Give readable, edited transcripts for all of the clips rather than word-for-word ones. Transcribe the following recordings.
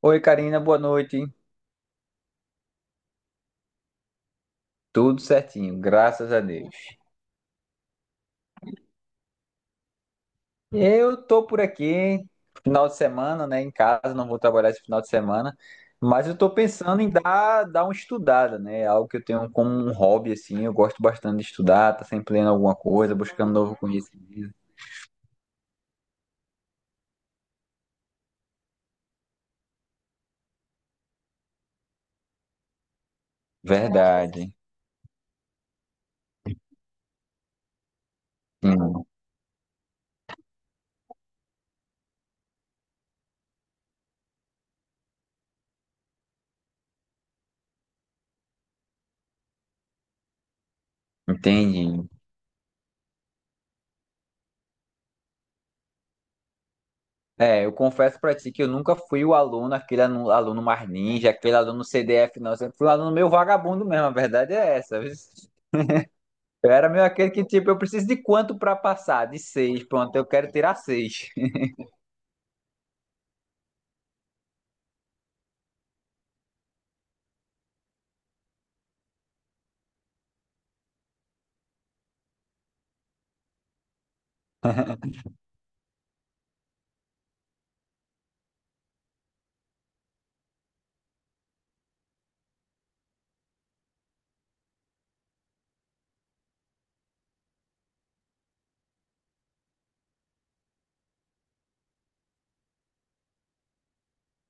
Oi, Karina, boa noite. Tudo certinho, graças a Deus. Eu tô por aqui, final de semana, né, em casa, não vou trabalhar esse final de semana, mas eu tô pensando em dar uma estudada, né? Algo que eu tenho como um hobby, assim, eu gosto bastante de estudar, tá sempre lendo alguma coisa, buscando novo conhecimento. Verdade. Sim, entendi. É, eu confesso pra ti que eu nunca fui o aluno, aquele aluno mais ninja, aquele aluno CDF, não. Eu sempre fui um aluno meio vagabundo mesmo, a verdade é essa, viu? Eu era meio aquele que, tipo, eu preciso de quanto pra passar? De seis, pronto, eu quero tirar seis.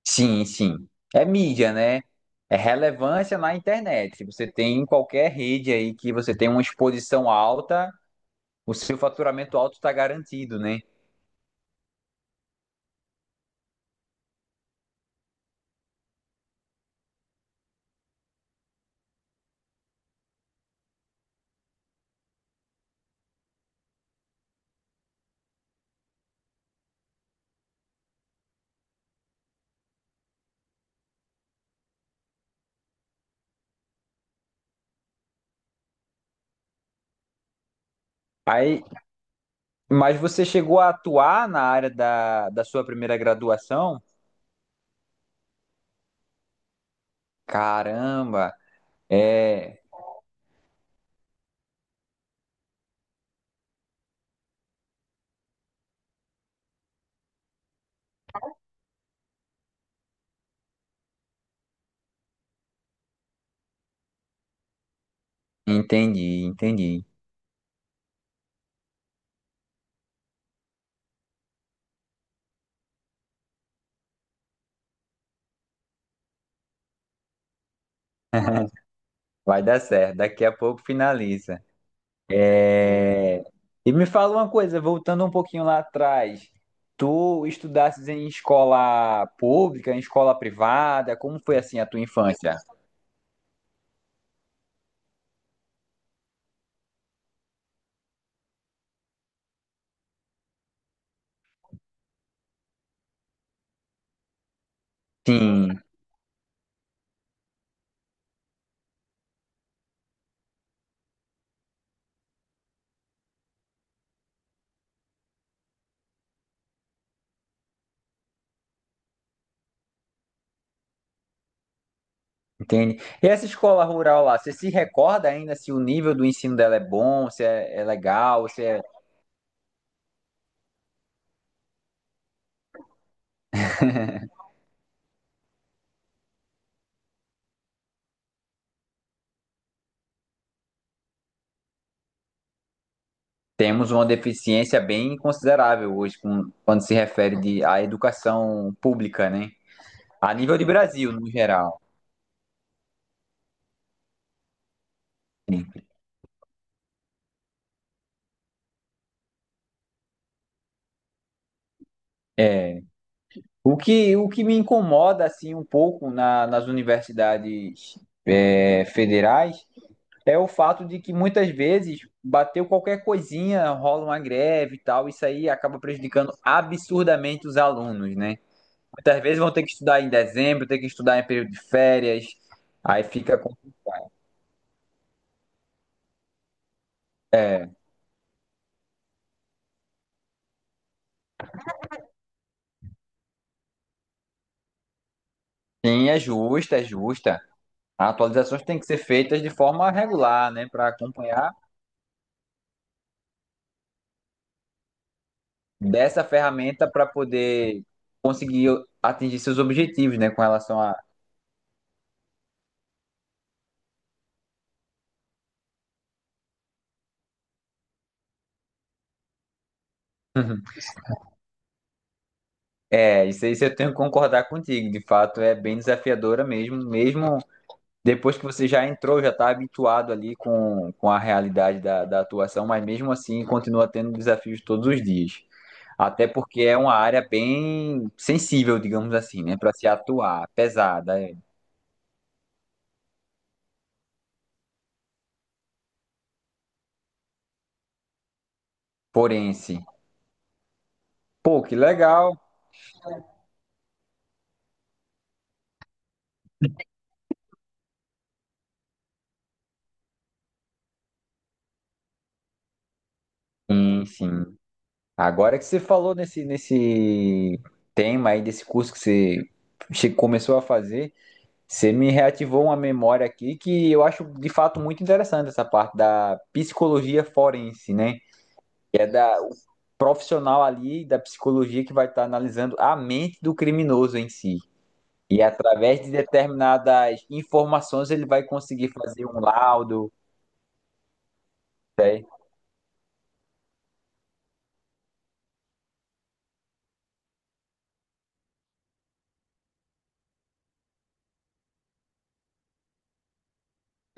Sim, sim. É mídia, né? É relevância na internet. Você tem em qualquer rede aí que você tem uma exposição alta, o seu faturamento alto está garantido, né? Aí, mas você chegou a atuar na área da sua primeira graduação? Caramba, é. Entendi, entendi. Vai dar certo. Daqui a pouco finaliza. É, e me fala uma coisa, voltando um pouquinho lá atrás, tu estudastes em escola pública, em escola privada, como foi assim a tua infância? Sim, entende? E essa escola rural lá, você se recorda ainda se o nível do ensino dela é bom, se é, é legal, se é... Temos uma deficiência bem considerável hoje com... quando se refere de, à educação pública, né? A nível de Brasil, no geral. Sim. É. O que me incomoda assim um pouco na... nas universidades é, federais é o fato de que muitas vezes bateu qualquer coisinha, rola uma greve e tal, isso aí acaba prejudicando absurdamente os alunos, né? Muitas vezes vão ter que estudar em dezembro, ter que estudar em período de férias, aí fica com... é, sim, é justa, é justa. As atualizações têm que ser feitas de forma regular, né, para acompanhar dessa ferramenta para poder conseguir atingir seus objetivos, né, com relação a... É, isso aí eu tenho que concordar contigo. De fato, é bem desafiadora mesmo, mesmo depois que você já entrou, já está habituado ali com a realidade da atuação, mas mesmo assim continua tendo desafios todos os dias. Até porque é uma área bem sensível, digamos assim, né, para se atuar, pesada, é, forense. Pô, que legal. Sim, sim. Agora que você falou nesse tema aí, desse curso que você começou a fazer, você me reativou uma memória aqui que eu acho de fato muito interessante essa parte da psicologia forense, né? Que é da, o profissional ali da psicologia que vai estar analisando a mente do criminoso em si. E através de determinadas informações ele vai conseguir fazer um laudo, né?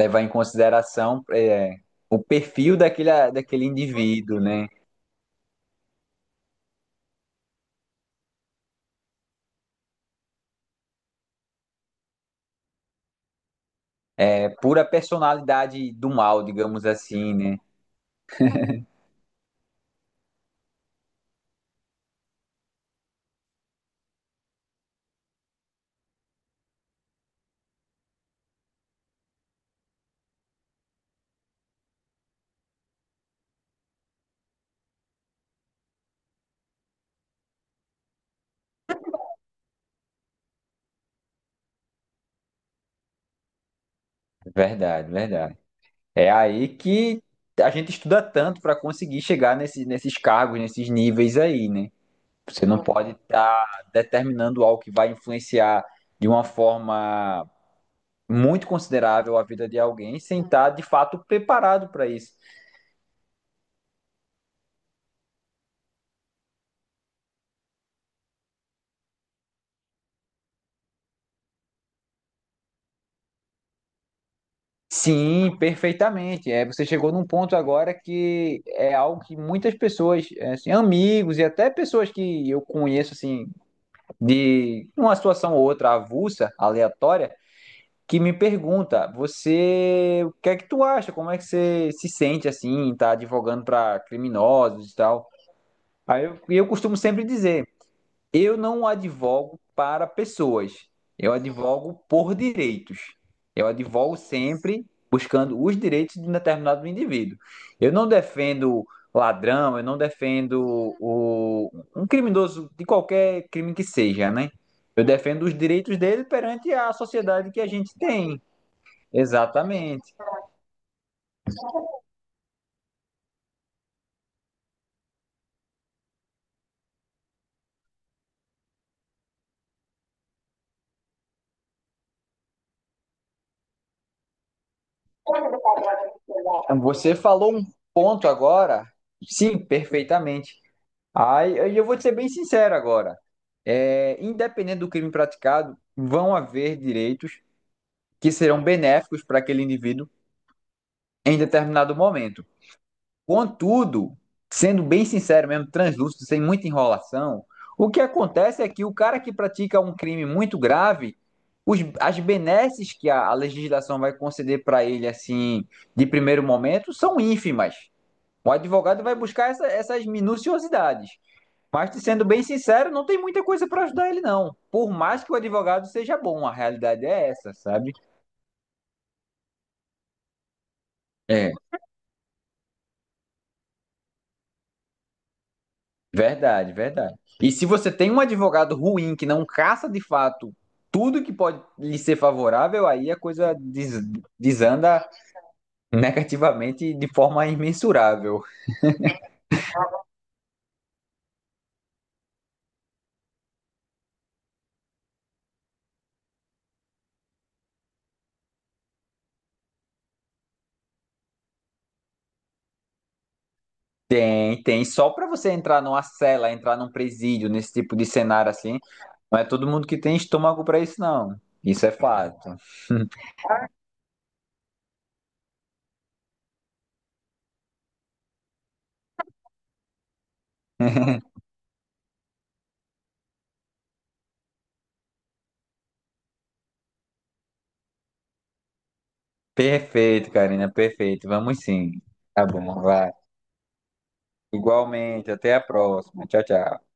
Levar em consideração, é, o perfil daquele indivíduo, né? É pura personalidade do mal, digamos assim, né? Verdade, verdade. É aí que a gente estuda tanto para conseguir chegar nesses cargos, nesses níveis aí, né? Você não pode estar determinando algo que vai influenciar de uma forma muito considerável a vida de alguém sem estar de fato preparado para isso. Sim, perfeitamente. É, você chegou num ponto agora que é algo que muitas pessoas, é, assim, amigos e até pessoas que eu conheço assim de uma situação ou outra avulsa, aleatória, que me pergunta: você, o que é que tu acha? Como é que você se sente assim, tá advogando para criminosos e tal? Aí eu, e eu costumo sempre dizer: eu não advogo para pessoas, eu advogo por direitos. Eu advogo sempre buscando os direitos de um determinado indivíduo. Eu não defendo ladrão, eu não defendo o, um criminoso de qualquer crime que seja, né? Eu defendo os direitos dele perante a sociedade que a gente tem. Exatamente. Você falou um ponto agora. Sim, perfeitamente. Aí eu vou te ser bem sincero agora. É, independente do crime praticado, vão haver direitos que serão benéficos para aquele indivíduo em determinado momento. Contudo, sendo bem sincero mesmo, translúcido, sem muita enrolação, o que acontece é que o cara que pratica um crime muito grave, as benesses que a legislação vai conceder para ele, assim, de primeiro momento, são ínfimas. O advogado vai buscar essas minuciosidades. Mas, te sendo bem sincero, não tem muita coisa para ajudar ele, não. Por mais que o advogado seja bom, a realidade é essa, sabe? É, verdade, verdade. E se você tem um advogado ruim que não caça de fato tudo que pode lhe ser favorável, aí a coisa desanda negativamente de forma imensurável. É, e tem só para você entrar numa cela, entrar num presídio, nesse tipo de cenário assim, não é todo mundo que tem estômago para isso, não. Isso é fato. Perfeito, Karina, perfeito. Vamos sim. Tá bom, vai. Igualmente, até a próxima. Tchau, tchau.